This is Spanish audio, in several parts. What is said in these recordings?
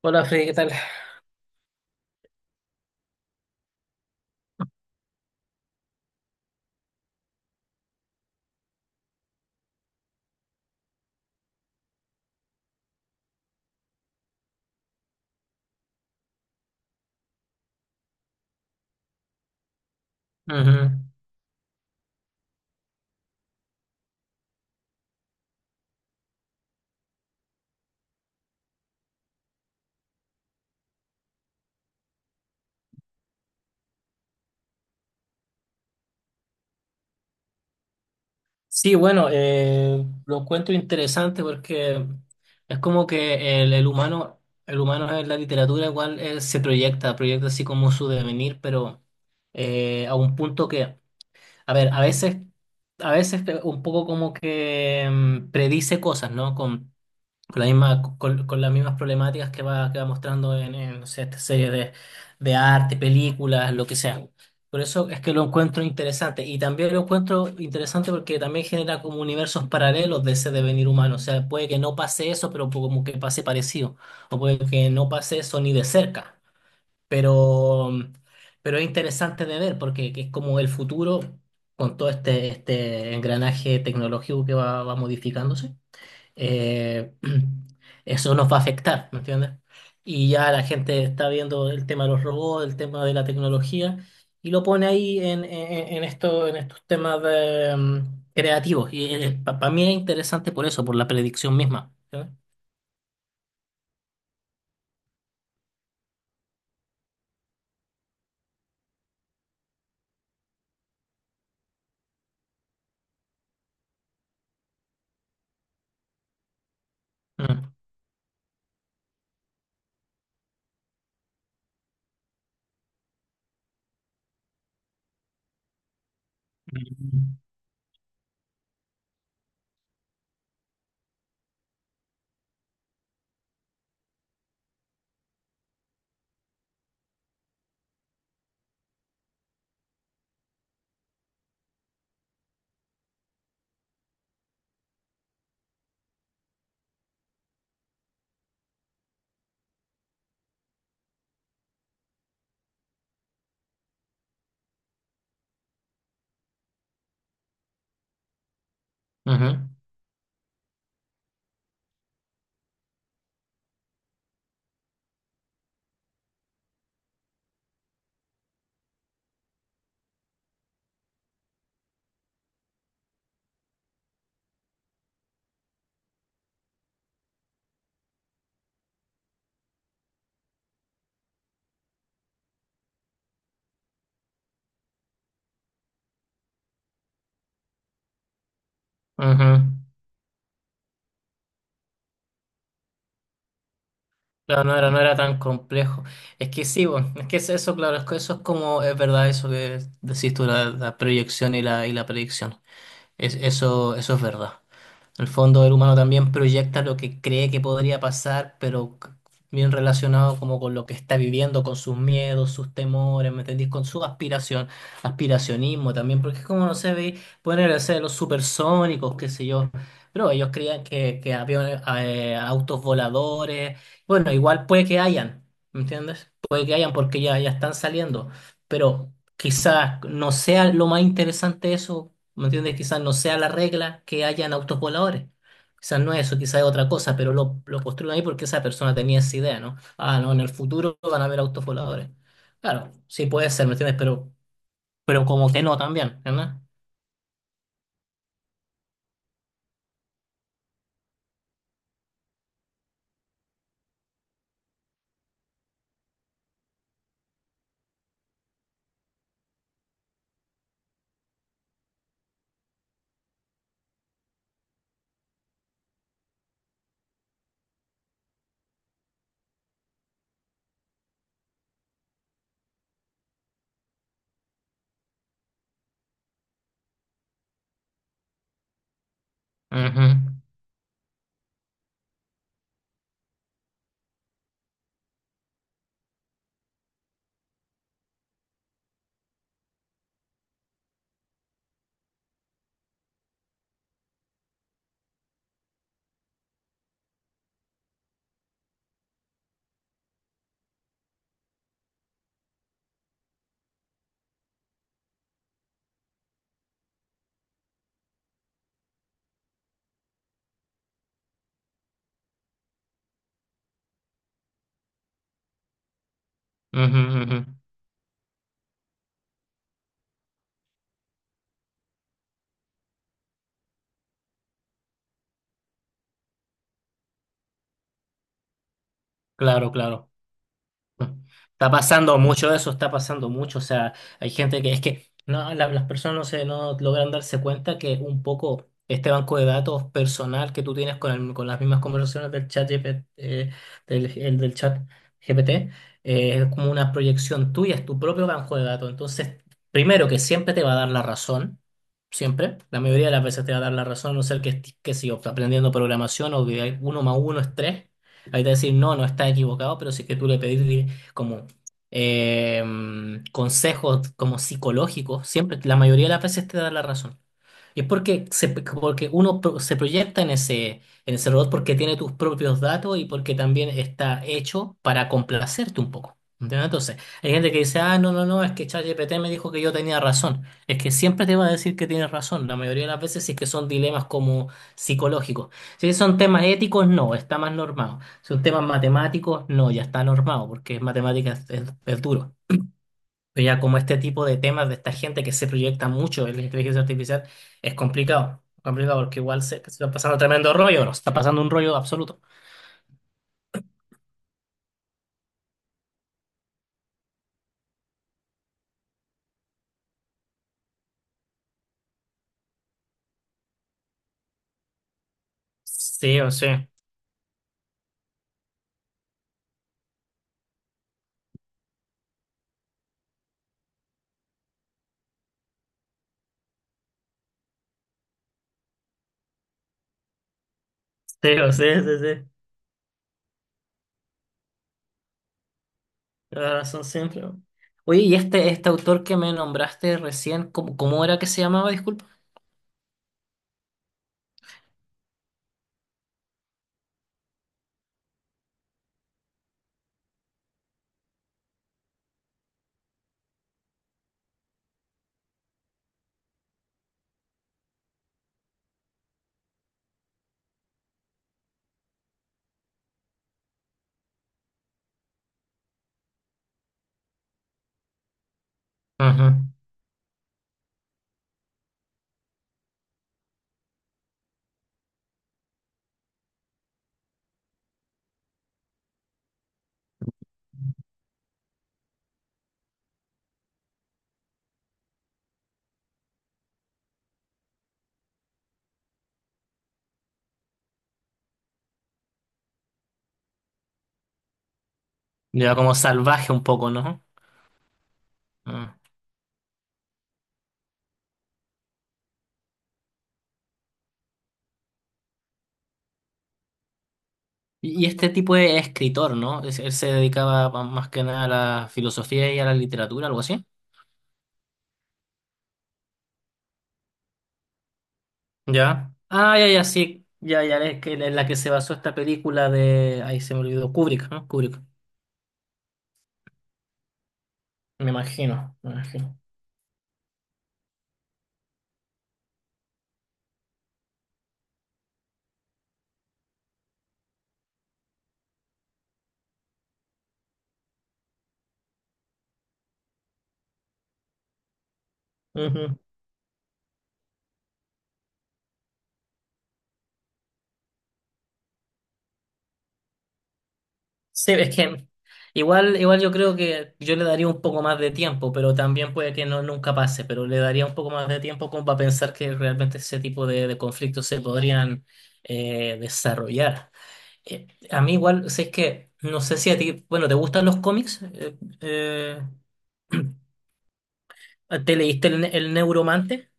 Hola Freddy, ¿qué tal? Ujú. Sí, bueno, lo encuentro interesante porque es como que el humano, el humano en la literatura igual se proyecta, proyecta así como su devenir, pero a un punto que, a ver, a veces un poco como que predice cosas, ¿no? Con la misma, con las mismas problemáticas que va mostrando en, no sé, esta serie de arte, películas, lo que sea. Por eso es que lo encuentro interesante. Y también lo encuentro interesante porque también genera como universos paralelos de ese devenir humano. O sea, puede que no pase eso, pero como que pase parecido. O puede que no pase eso ni de cerca. Pero, pero es interesante de ver porque que es como el futuro con todo este engranaje tecnológico que va, va modificándose eh, eso nos va a afectar, ¿me entiendes? Y ya la gente está viendo el tema de los robots, el tema de la tecnología, y lo pone ahí en esto, en estos temas de, creativos. Y para mí es interesante por eso, por la predicción misma. ¿Entiendes? Mm. Mm. Ujú, ujú. Claro, no era tan complejo. Es que sí, bueno, es que es eso, claro, es que eso es como, es verdad eso que decís tú, la proyección y la predicción. Eso es verdad. En el fondo, el humano también proyecta lo que cree que podría pasar, pero bien relacionado como con lo que está viviendo, con sus miedos, sus temores, ¿me entendís? Con su aspiración, aspiracionismo también, porque es como, no sé, pueden ser los supersónicos, qué sé yo, pero ellos creían que había autos voladores, bueno, igual puede que hayan, ¿me entiendes? Puede que hayan porque ya, ya están saliendo, pero quizás no sea lo más interesante eso, ¿me entiendes? Quizás no sea la regla que hayan autos voladores. Quizás no es eso, quizás es otra cosa, pero lo construyen ahí porque esa persona tenía esa idea, ¿no? Ah, no, en el futuro van a haber autos voladores. Claro, sí puede ser, ¿me entiendes? Pero como que no también, ¿verdad? Ujú, ujú, ujú. Claro, claro. Está pasando mucho eso, está pasando mucho. O sea, hay gente que es que no, las personas no se no logran darse cuenta que un poco este banco de datos personal que tú tienes con, con las mismas conversaciones del chat GP, del, el del chat GPT es como una proyección tuya, es tu propio banco de datos. Entonces, primero que siempre te va a dar la razón. Siempre, la mayoría de las veces te va a dar la razón, a no ser que estés, qué sé yo, aprendiendo programación o que hay uno más uno es tres. Ahí te va a decir, no, no está equivocado, pero si es que tú le pedís como eh, consejos como psicológicos, siempre, la mayoría de las veces te da la razón. Y es porque, porque uno se proyecta en ese robot porque tiene tus propios datos y porque también está hecho para complacerte un poco. ¿Entiendes? Entonces, hay gente que dice, ah, no, es que ChatGPT me dijo que yo tenía razón. Es que siempre te va a decir que tienes razón, la mayoría de las veces si es que son dilemas como psicológicos. Si son temas éticos, no, está más normado. Si son temas matemáticos, no, ya está normado, porque es matemáticas es duro. Pero ya como este tipo de temas de esta gente que se proyecta mucho en la inteligencia artificial es complicado, complicado porque igual se, se está pasando tremendo rollo, nos está pasando un rollo absoluto. Sí o sí, sí o sí, sí, sí, la razón siempre. Oye, ¿y este autor que me nombraste recién, cómo, cómo era que se llamaba? Disculpa. Ujú. Ya como salvaje un poco, ¿no? Mm. Y este tipo de escritor, ¿no? Él se dedicaba más que nada a la filosofía y a la literatura, algo así. ¿Ya? Ah, ya, ya, sí. Ya, ya, es que en la que se basó esta película de… Ahí se me olvidó, Kubrick, ¿no? Kubrick. Me imagino, me imagino. Ujú. Sí, es que igual, igual yo creo que yo le daría un poco más de tiempo, pero también puede que no nunca pase, pero le daría un poco más de tiempo como para pensar que realmente ese tipo de conflictos se podrían desarrollar. A mí igual, o es que no sé si a ti, bueno, ¿te gustan los cómics? ¿Te leíste el Neuromante?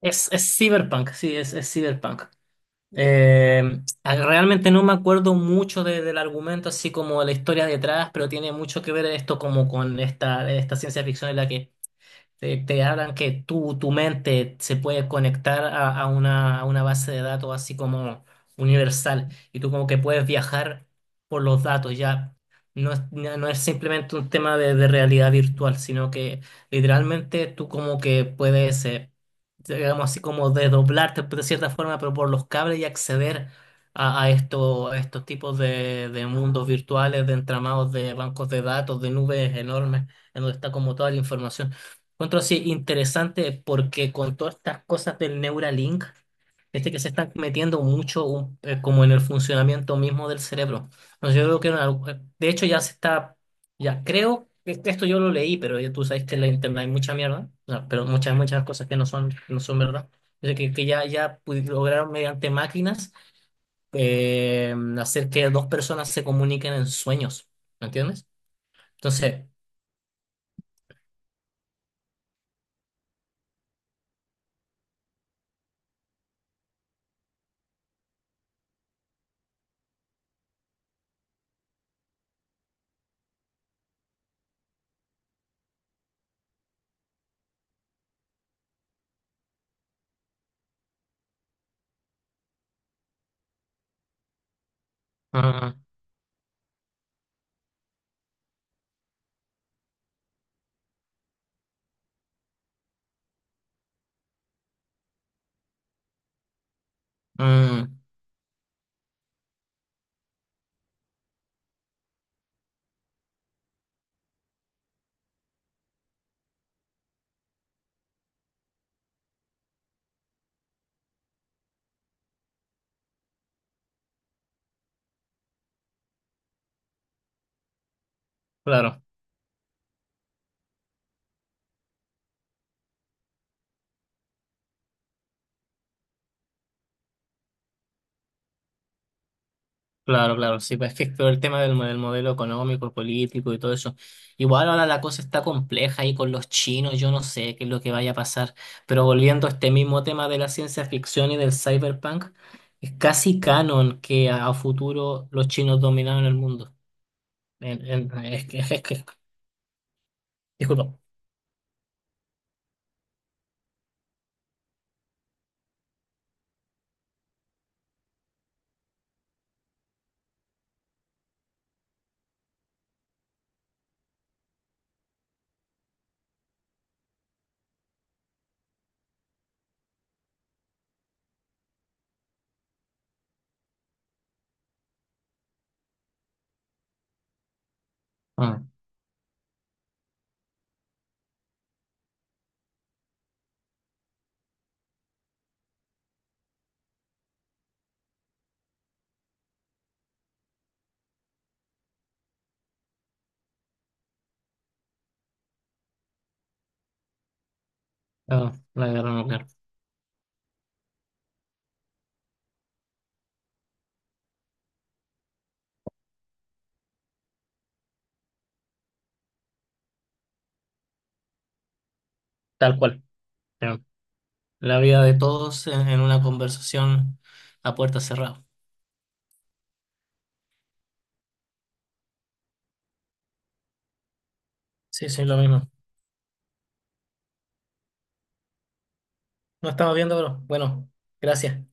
Es Cyberpunk, sí, es Cyberpunk. Realmente no me acuerdo mucho del argumento, así como de la historia detrás, pero tiene mucho que ver esto como con esta, esta ciencia ficción en la que te hablan que tú, tu mente se puede conectar a una base de datos así como universal y tú como que puedes viajar por los datos, ya no es, no no es simplemente un tema de realidad virtual, sino que literalmente tú como que puedes, digamos así como desdoblarte de cierta forma, pero por los cables y acceder a, a estos tipos de mundos virtuales, de entramados de bancos de datos, de nubes enormes, en donde está como toda la información. Encuentro así interesante porque con todas estas cosas del Neuralink, este que se están metiendo mucho como en el funcionamiento mismo del cerebro. No, yo creo que en de hecho ya se está, ya creo, que este, esto yo lo leí, pero ya tú sabes que en la internet hay mucha mierda, no, pero muchas, muchas cosas que no son, no son verdad. Yo sé que ya, lograron mediante máquinas hacer que dos personas se comuniquen en sueños, ¿me entiendes? Entonces, ah, mm, claro. Claro, claro, sí, pues es que todo el tema del, del modelo económico, político y todo eso. Igual ahora la cosa está compleja y con los chinos, yo no sé qué es lo que vaya a pasar, pero volviendo a este mismo tema de la ciencia ficción y del cyberpunk, es casi canon que a futuro los chinos dominaron el mundo. Es que, disculpa. Ah, ah, la guerra nuclear, tal cual. Eh, La vida de todos en una conversación a puerta cerrada. Sí, sí, lo mismo. No estamos viendo, pero bueno, gracias.